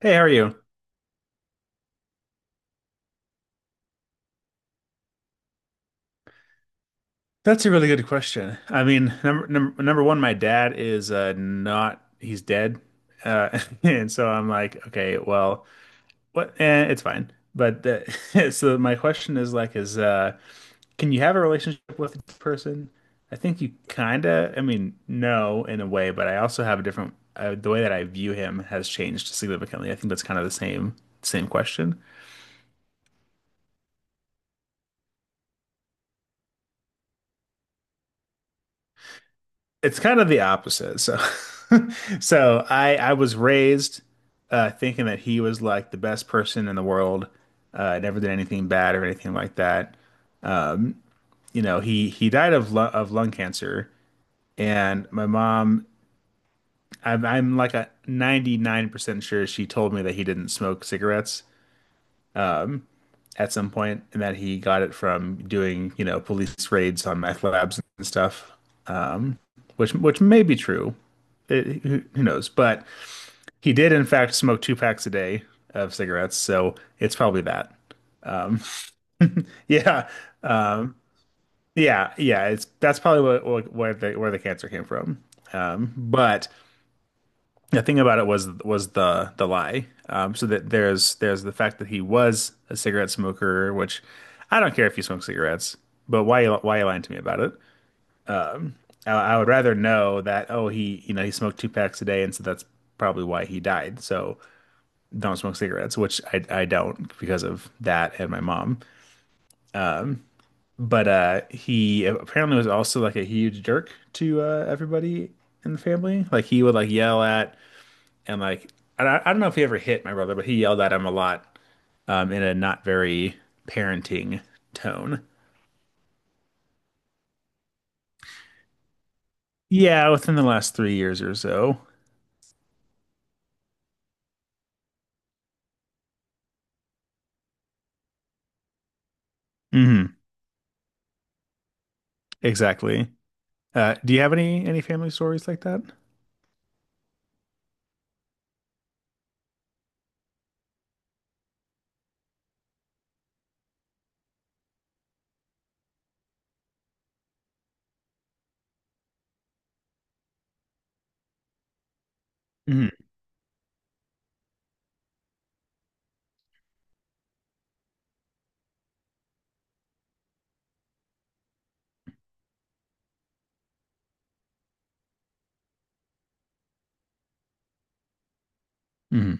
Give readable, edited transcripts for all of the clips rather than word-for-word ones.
Hey, how are you? That's a really good question. I mean, number one, my dad is not he's dead. And so I'm like, okay, well, it's fine. But so my question is can you have a relationship with this person? I think you kind of, I mean, no in a way, but I also have a different the way that I view him has changed significantly. I think that's kind of the same question. It's kind of the opposite. So, so I was raised thinking that he was like the best person in the world. Never did anything bad or anything like that. Um, he died of lu of lung cancer, and my mom, I'm like a 99% sure she told me that he didn't smoke cigarettes at some point, and that he got it from doing, police raids on meth labs and stuff, which may be true. Who knows? But he did, in fact, smoke two packs a day of cigarettes, so it's probably that. Yeah, yeah, yeah. It's That's probably what where the cancer came from. But the thing about it was the lie. So that there's the fact that he was a cigarette smoker, which I don't care if you smoke cigarettes, but why are you lying to me about it? I would rather know that, oh, he, you know, he smoked two packs a day, and so that's probably why he died. So don't smoke cigarettes, which I don't because of that and my mom. But he apparently was also like a huge jerk to everybody in the family. Like he would like yell at and like and I don't know if he ever hit my brother, but he yelled at him a lot in a not very parenting tone. Yeah, within the last 3 years or so. Hmm. Exactly. Do you have any family stories like that? Hmm. Hmm.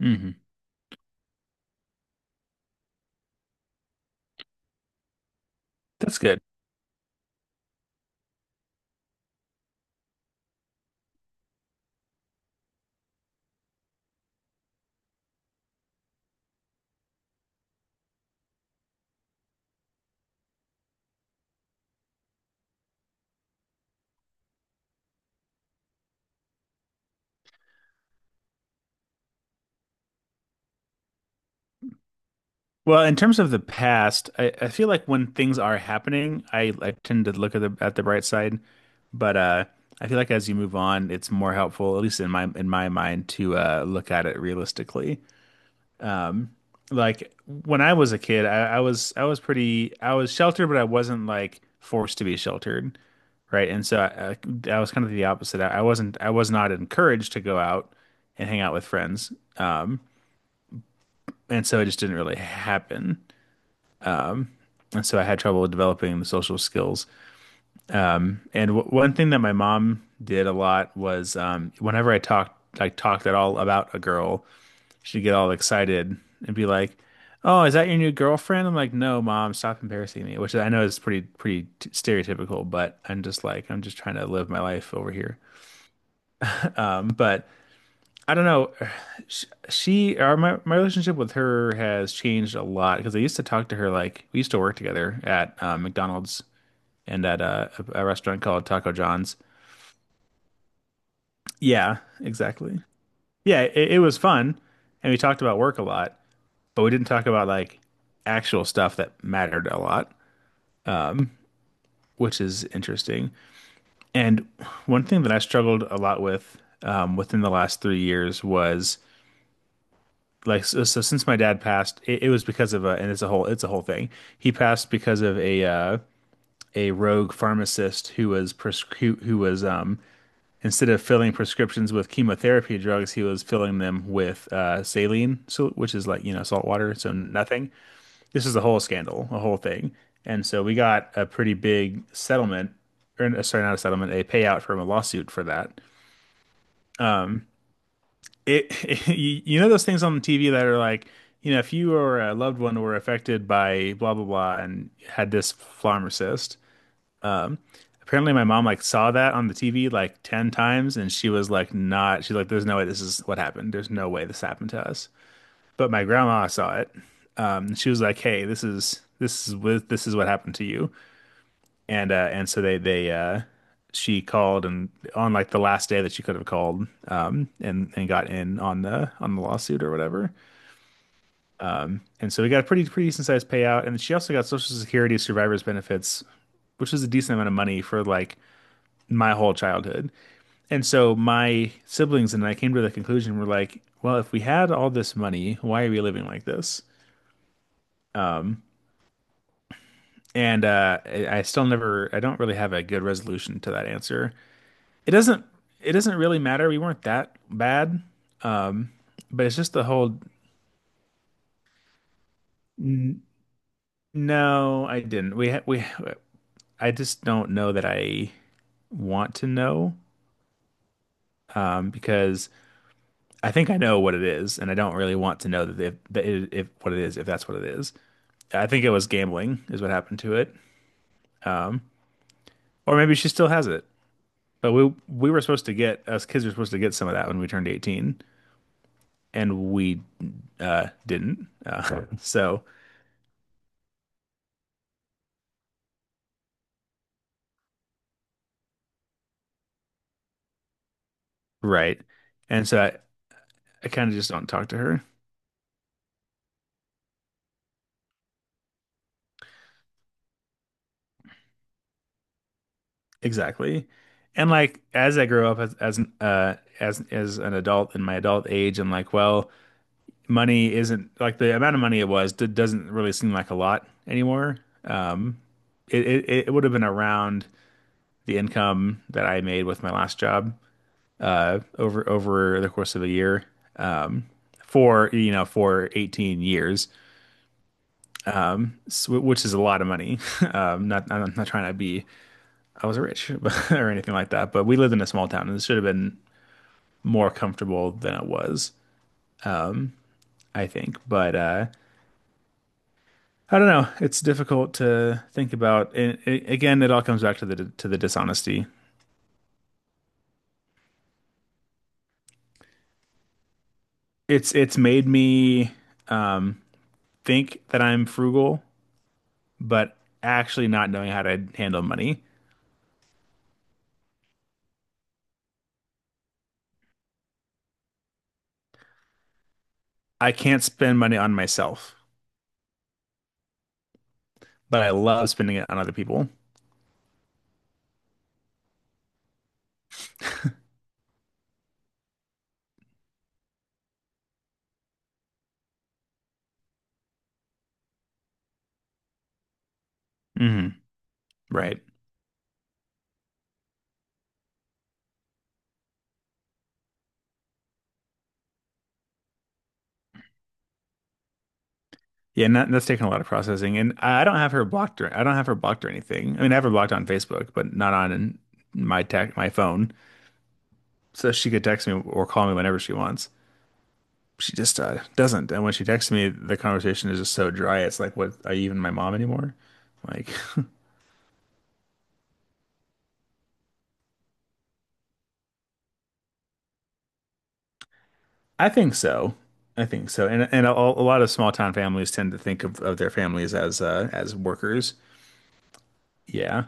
Hmm. That's good. Well, in terms of the past, I feel like when things are happening, I tend to look at the bright side. But I feel like as you move on, it's more helpful, at least in my mind, to look at it realistically. Like when I was a kid, I was pretty I was sheltered, but I wasn't like forced to be sheltered, right? And so I was kind of the opposite. I was not encouraged to go out and hang out with friends, and so it just didn't really happen. And so I had trouble developing the social skills. And w one thing that my mom did a lot was whenever I talked at all about a girl, she'd get all excited and be like, "Oh, is that your new girlfriend?" I'm like, "No, mom, stop embarrassing me," which I know is pretty pretty t stereotypical, but I'm just trying to live my life over here. But I don't know. She or my relationship with her has changed a lot because I used to talk to her like we used to work together at McDonald's and at a restaurant called Taco John's. Yeah, exactly. Yeah, it was fun, and we talked about work a lot, but we didn't talk about like actual stuff that mattered a lot, which is interesting. And one thing that I struggled a lot with within the last 3 years was like so since my dad passed, it was because of a and it's a whole thing. He passed because of a rogue pharmacist who, was instead of filling prescriptions with chemotherapy drugs, he was filling them with saline, so which is like, you know, salt water, so nothing. This is a whole scandal, a whole thing. And so we got a pretty big settlement, or sorry, not a settlement, a payout from a lawsuit for that. You know those things on TV that are like, you know, if you or a loved one were affected by blah blah blah and had this flammar cyst. Apparently, my mom like saw that on the TV like 10 times and she was like not, she's like, there's no way this is what happened. There's no way this happened to us. But my grandma saw it. And she was like, hey, this is what happened to you. And So they she called and on like the last day that she could have called, and got in on the lawsuit or whatever, and so we got a pretty decent sized payout, and she also got social security survivors benefits, which was a decent amount of money for like my whole childhood. And so my siblings and I came to the conclusion. We're like, well, if we had all this money, why are we living like this? Um and I still never, I don't really have a good resolution to that answer. It doesn't, it doesn't really matter. We weren't that bad. Um, but it's just the whole n- no, I didn't. We ha- we I just don't know that I want to know, because I think I know what it is and I don't really want to know if what it is, if that's what it is. I think it was gambling is what happened to it. Or maybe she still has it. But we were supposed to get us kids were supposed to get some of that when we turned 18, and we didn't. So right. And so I kind of just don't talk to her. Exactly. And like as I grow up as an adult in my adult age, I'm like, well, money isn't like, the amount of money it was d doesn't really seem like a lot anymore. Um, it would have been around the income that I made with my last job over the course of a year for, you know, for 18 years, which is a lot of money. Not, I'm not trying to be, I was rich or anything like that, but we lived in a small town and it should have been more comfortable than it was, I think. But I don't know. It's difficult to think about. And it, again, it all comes back to the dishonesty. It's made me um, think that I'm frugal, but actually not knowing how to handle money. I can't spend money on myself, but I love spending it on other people. Hmm. Right. Yeah, and that's taken a lot of processing, and I don't have her blocked or anything. I mean, I have her blocked on Facebook, but not on my phone. So she could text me or call me whenever she wants. She just doesn't. And when she texts me, the conversation is just so dry. It's like, what, are you even my mom anymore? Like, I think so. I think so. And a lot of small town families tend to think of their families as workers. Yeah.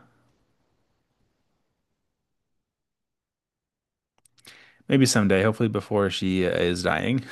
Maybe someday, hopefully before she is dying.